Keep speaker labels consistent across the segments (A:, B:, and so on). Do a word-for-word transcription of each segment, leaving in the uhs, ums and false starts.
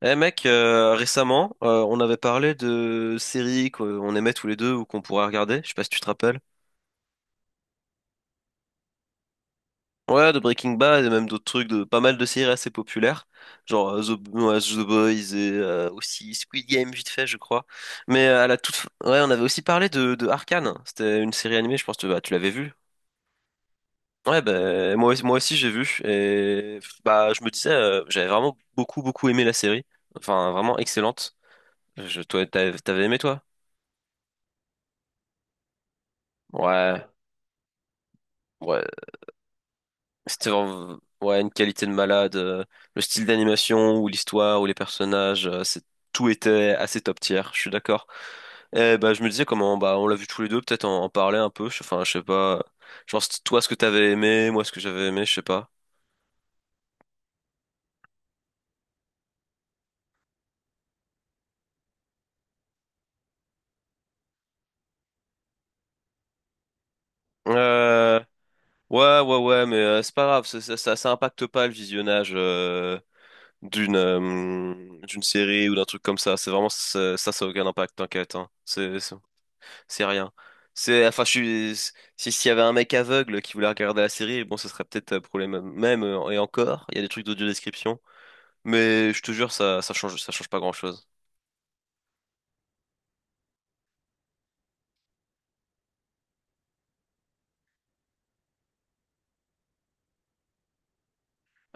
A: Eh mec, euh, récemment, euh, on avait parlé de séries qu'on aimait tous les deux ou qu'on pourrait regarder, je sais pas si tu te rappelles. Ouais, de Breaking Bad et même d'autres trucs, de pas mal de séries assez populaires, genre euh, The, ouais, The Boys et euh, aussi Squid Game vite fait, je crois. Mais euh, à la toute, fin- ouais, on avait aussi parlé de, de Arcane. C'était une série animée, je pense que bah, tu l'avais vue. Ouais, bah, moi, aussi- moi aussi j'ai vu et bah je me disais, euh, j'avais vraiment beaucoup beaucoup aimé la série, enfin vraiment excellente. Je, toi, t'avais t'avais aimé toi? Ouais. Ouais, c'était vraiment, ouais, une qualité de malade. euh, Le style d'animation ou l'histoire ou les personnages, euh, c'est, tout était assez top tier, je suis d'accord. Et bah, je me disais comment, bah, on l'a vu tous les deux, peut-être en, en parler un peu. je- Enfin, je sais pas. Genre, c'est toi, ce que t'avais aimé, moi, ce que j'avais aimé, je sais pas. Euh, ouais, ouais, ouais, mais euh, c'est pas grave, ça, ça, ça, ça impacte pas le visionnage euh, d'une euh, d'une série ou d'un truc comme ça. C'est vraiment ça. Ça, ça a aucun impact, t'inquiète, hein. C'est, C'est rien. C'est, enfin, je suis, si, s'il y avait un mec aveugle qui voulait regarder la série, bon, ce serait peut-être un problème même, euh, et encore, il y a des trucs d'audio-description. Mais je te jure, ça, ça change, ça change pas grand-chose.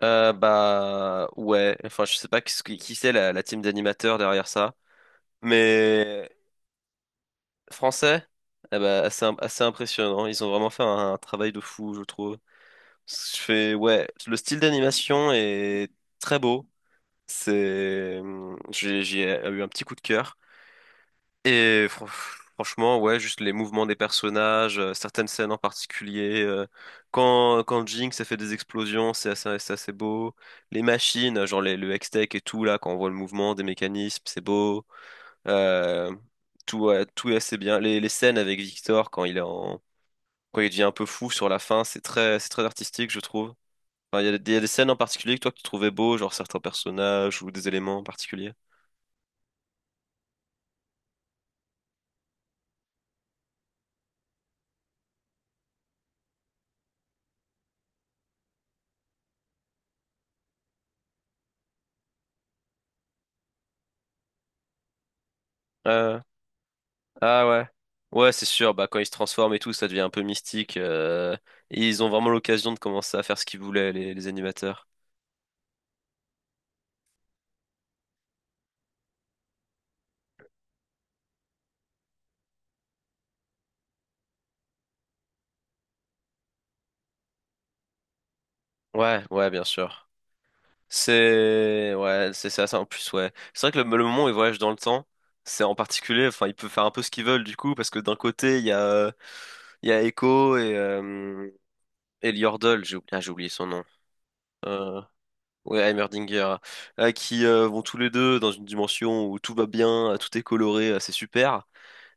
A: Euh, bah, ouais, enfin, je sais pas qu'est-ce qui, qui c'est la, la team d'animateurs derrière ça. Mais, français, eh ben, assez, im- assez impressionnant. Ils ont vraiment fait un, un travail de fou, je trouve. Je fais, ouais, le style d'animation est très beau. C'est, hum, j'ai j'ai euh, eu un petit coup de cœur. Et fran- franchement, ouais, juste les mouvements des personnages, euh, certaines scènes en particulier. euh, quand, quand Jinx, ça fait des explosions, c'est assez, c'est assez beau. Les machines, euh, genre les- le Hextech et tout, là, quand on voit le mouvement des mécanismes, c'est beau. Euh, tout, ouais, tout est assez bien. Les, les scènes avec Victor, quand il est en, quand il devient un peu fou sur la fin, c'est très, c'est très artistique, je trouve. Enfin, il y a, des il y a des scènes en particulier que toi, que tu trouvais beau, genre certains personnages ou des éléments particuliers. euh, ah ouais. Ouais, c'est sûr, bah quand ils se transforment et tout, ça devient un peu mystique. Euh, et ils ont vraiment l'occasion de commencer à faire ce qu'ils voulaient, les, les animateurs. Ouais, ouais, bien sûr. C'est ouais, c'est ça, ça en plus, ouais. C'est vrai que le, le moment où ils voyagent dans le temps, c'est en particulier, enfin, ils peuvent faire un peu ce qu'ils veulent du coup, parce que d'un côté, il y a euh, il y a Echo et euh, et Yordle, j'ai oublié, ah, j'ai oublié son nom. Euh, Ouais, Heimerdinger, euh, qui euh, vont tous les deux dans une dimension où tout va bien, euh, tout est coloré, euh, c'est super.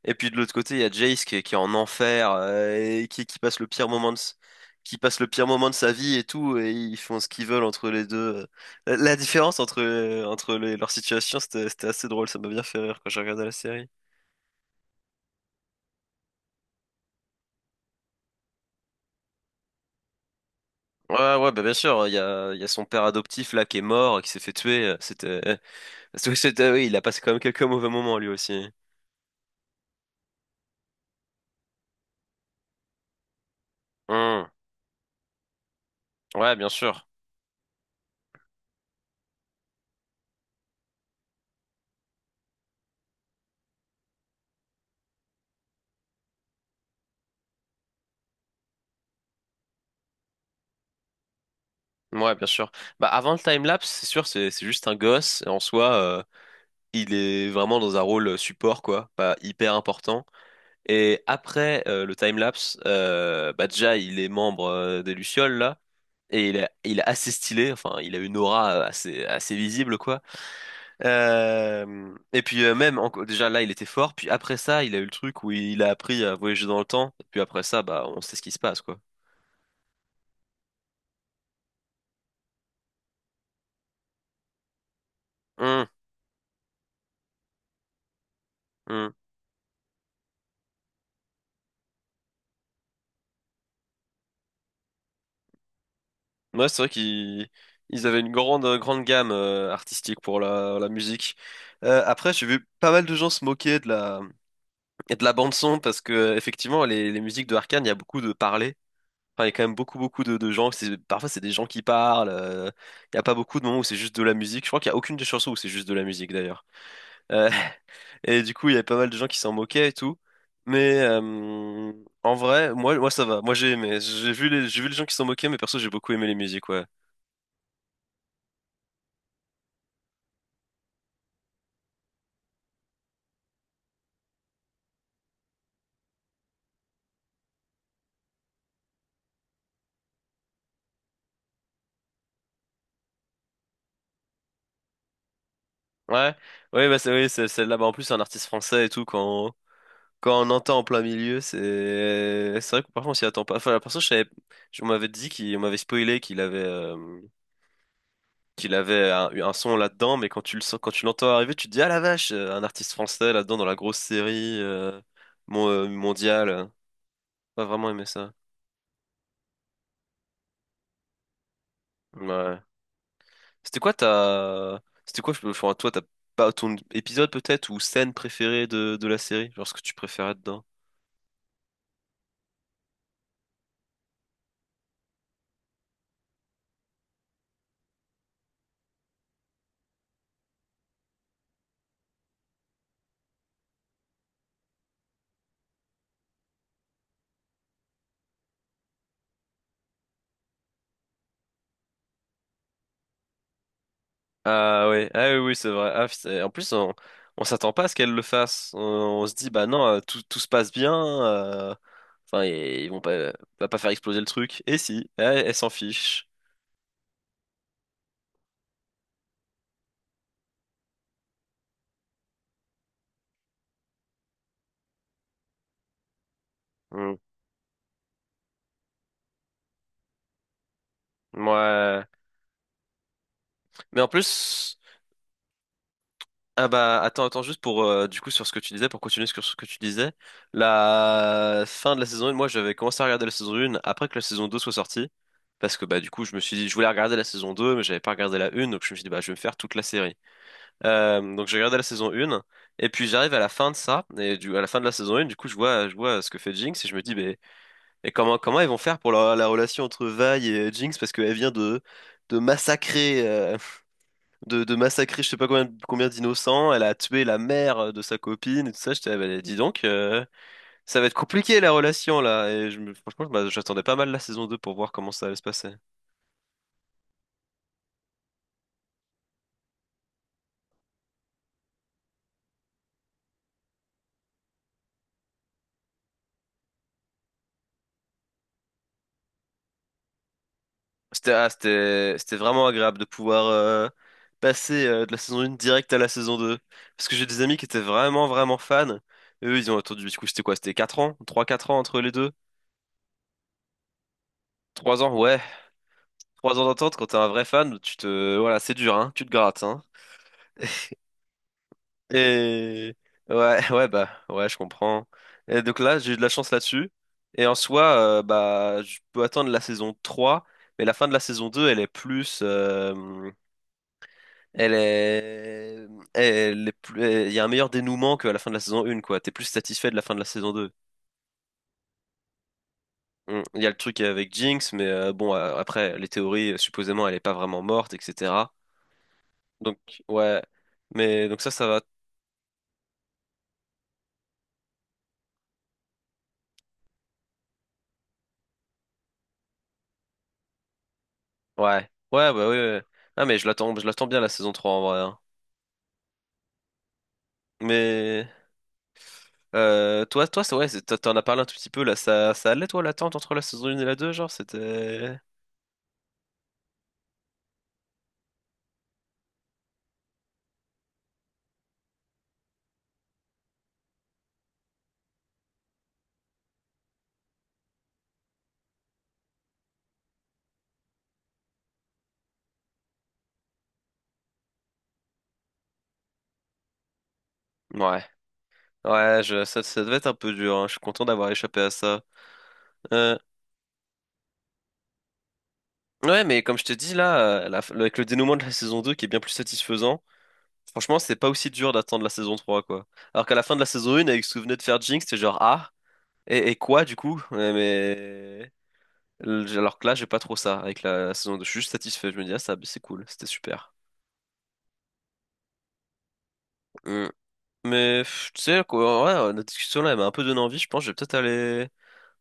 A: Et puis de l'autre côté, il y a Jace qui est, qui est en enfer, euh, et qui, qui passe le pire moment de, s- qui passe le pire moment de sa vie et tout, et ils font ce qu'ils veulent entre les deux. La, la différence entre, euh, entre les- leurs situations, c'était, c'était assez drôle, ça m'a bien fait rire quand j'ai regardé la série. Ouais, ouais, bah bien sûr, il y a, il y a son père adoptif là qui est mort, qui s'est fait tuer. C'était, c'était, oui, il a passé quand même quelques mauvais moments lui aussi. Hmm. Ouais, bien sûr. Ouais, bien sûr. Bah, avant le timelapse, c'est sûr, c'est c'est juste un gosse. Et en soi, euh, il est vraiment dans un rôle euh, support, quoi, pas hyper important. Et après euh, le timelapse, euh, bah, déjà, il est membre euh, des Lucioles, là. Et il est, il est assez stylé, enfin, il a une aura euh, assez, assez visible, quoi. Euh, et puis, euh, même, enco- déjà là, il était fort. Puis après ça, il a eu le truc où il a appris à voyager dans le temps. Et puis après ça, bah, on sait ce qui se passe, quoi. Hum, hum. Ouais, c'est vrai qu'ils ils avaient une grande, euh, grande gamme euh, artistique pour la, la musique. Euh, après, j'ai vu pas mal de gens se moquer de la, de la bande son parce que euh, effectivement, les, les musiques de Arcane, il y a beaucoup de parler. Enfin, il y a quand même beaucoup, beaucoup de, de gens. c'est- Parfois, c'est des gens qui parlent. Euh, il n'y a pas beaucoup de moments où c'est juste de la musique. Je crois qu'il n'y a aucune des chansons où c'est juste de la musique d'ailleurs. Euh, et du coup, il y avait pas mal de gens qui s'en moquaient et tout. Mais euh, en vrai, moi, moi ça va. Moi j'ai aimé. J'ai vu les, j'ai vu les gens qui s'en moquaient, mais perso j'ai beaucoup aimé les musiques, ouais. Ouais, ouais, bah c'est oui, c'est celle-là. Bah, en plus, c'est un artiste français et tout. Quand quand on entend en plein milieu, c'est c'est vrai que parfois on s'y attend pas. Enfin, la personne, je savais, je- on m'avait dit qu'il, on m'avait spoilé qu'il avait euh, qu'il avait un, un son là-dedans, mais quand tu le sens, quand tu l'entends arriver, tu te dis ah la vache, euh, un artiste français là-dedans dans la grosse série euh, mon- euh, mondiale. Pas vraiment aimé ça. Ouais. C'était quoi ta, c'était quoi, je- enfin, toi, t'as pas ton épisode peut-être ou scène préférée de de la série, genre ce que tu préférais dedans? Ah oui, ah oui, oui, c'est vrai. Ah, c'est- en plus, on, on s'attend pas à ce qu'elle le fasse. On, on se dit, bah non, euh, tout, tout se passe bien. euh, Enfin, ils ils vont pas, va pas faire exploser le truc. Et si, elle, elle s'en fiche. Hmm. Ouais. Mais en plus, ah bah attends, attends juste pour euh, du coup sur ce que tu disais, pour continuer sur ce que tu disais, la fin de la saison un, moi j'avais commencé à regarder la saison un après que la saison deux soit sortie, parce que bah du coup je me suis dit, je voulais regarder la saison deux mais j'avais pas regardé la une, donc je me suis dit bah je vais me faire toute la série. Euh, donc j'ai regardé la saison un et puis j'arrive à la fin de ça et du, à la fin de la saison un du coup je vois je vois ce que fait Jinx et je me dis mais, mais comment comment ils vont faire pour la, la relation entre Vi et Jinx parce qu'elle vient de de massacrer euh, de, de massacrer je sais pas combien combien d'innocents, elle a tué la mère de sa copine et tout ça, je dis donc euh, ça va être compliqué la relation là. Et je, me- franchement, bah, j'attendais pas mal la saison deux pour voir comment ça allait se passer. C'était ah, c'était c'était vraiment agréable de pouvoir euh, passer euh, de la saison un direct à la saison deux. Parce que j'ai des amis qui étaient vraiment vraiment fans. Et eux, ils ont attendu, du coup, c'était quoi? C'était quatre ans? Trois quatre ans entre les deux? Trois ans? Ouais. Trois ans d'attente, quand t'es un vrai fan, tu te... Voilà, c'est dur, hein. Tu te grattes, hein. Et... ouais, ouais, bah, ouais, je comprends. Et donc là, j'ai eu de la chance là-dessus. Et en soi, euh, bah, je peux attendre la saison trois, mais la fin de la saison deux elle est plus... euh, elle est... Elle est plus... Il y a un meilleur dénouement qu'à la fin de la saison un, quoi. T'es plus satisfait de la fin de la saison deux. Mm. Il y a le truc avec Jinx, mais euh, bon, euh, après, les théories, euh, supposément, elle est pas vraiment morte, et cætera. Donc, ouais. Mais donc ça, ça va. Ouais. Ouais, bah oui, ouais. Ah, mais je l'attends, je l'attends bien la saison trois en vrai, hein. Mais euh, toi, toi, ça, ouais, c'est- t'en t'en as parlé un tout petit peu là. Ça, ça allait toi l'attente entre la saison un et la deux genre, c'était. Ouais. Ouais, je, ça, ça devait être un peu dur, hein. Je suis content d'avoir échappé à ça. Euh, ouais, mais comme je te dis là, euh, la- avec le dénouement de la saison deux qui est bien plus satisfaisant, franchement, c'est pas aussi dur d'attendre la saison trois quoi. Alors qu'à la fin de la saison un, avec ce que vous venez de faire Jinx, c'était genre, ah, et, et quoi du coup? Ouais, mais. L- Alors que là, j'ai pas trop ça avec la, la saison deux. Je suis juste satisfait. Je me dis, ah, ça, c'est cool, c'était super. Mm. Mais pff, tu sais, quoi, ouais, euh, notre discussion là, elle m'a un peu donné envie. Je pense que je vais peut-être aller,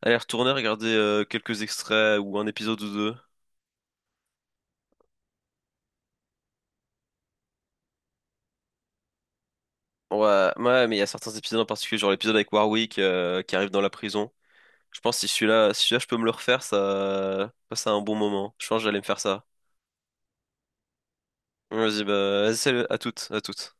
A: aller retourner regarder euh, quelques extraits ou un épisode ou deux. Ouais, ouais, mais il y a certains épisodes en particulier, genre l'épisode avec Warwick euh, qui arrive dans la prison. Je pense que si celui-là, si celui-là, je peux me le refaire, ça passe un bon moment. Je pense que j'allais me faire ça. Vas-y, bah, vas-y, salut, à toutes, à toutes.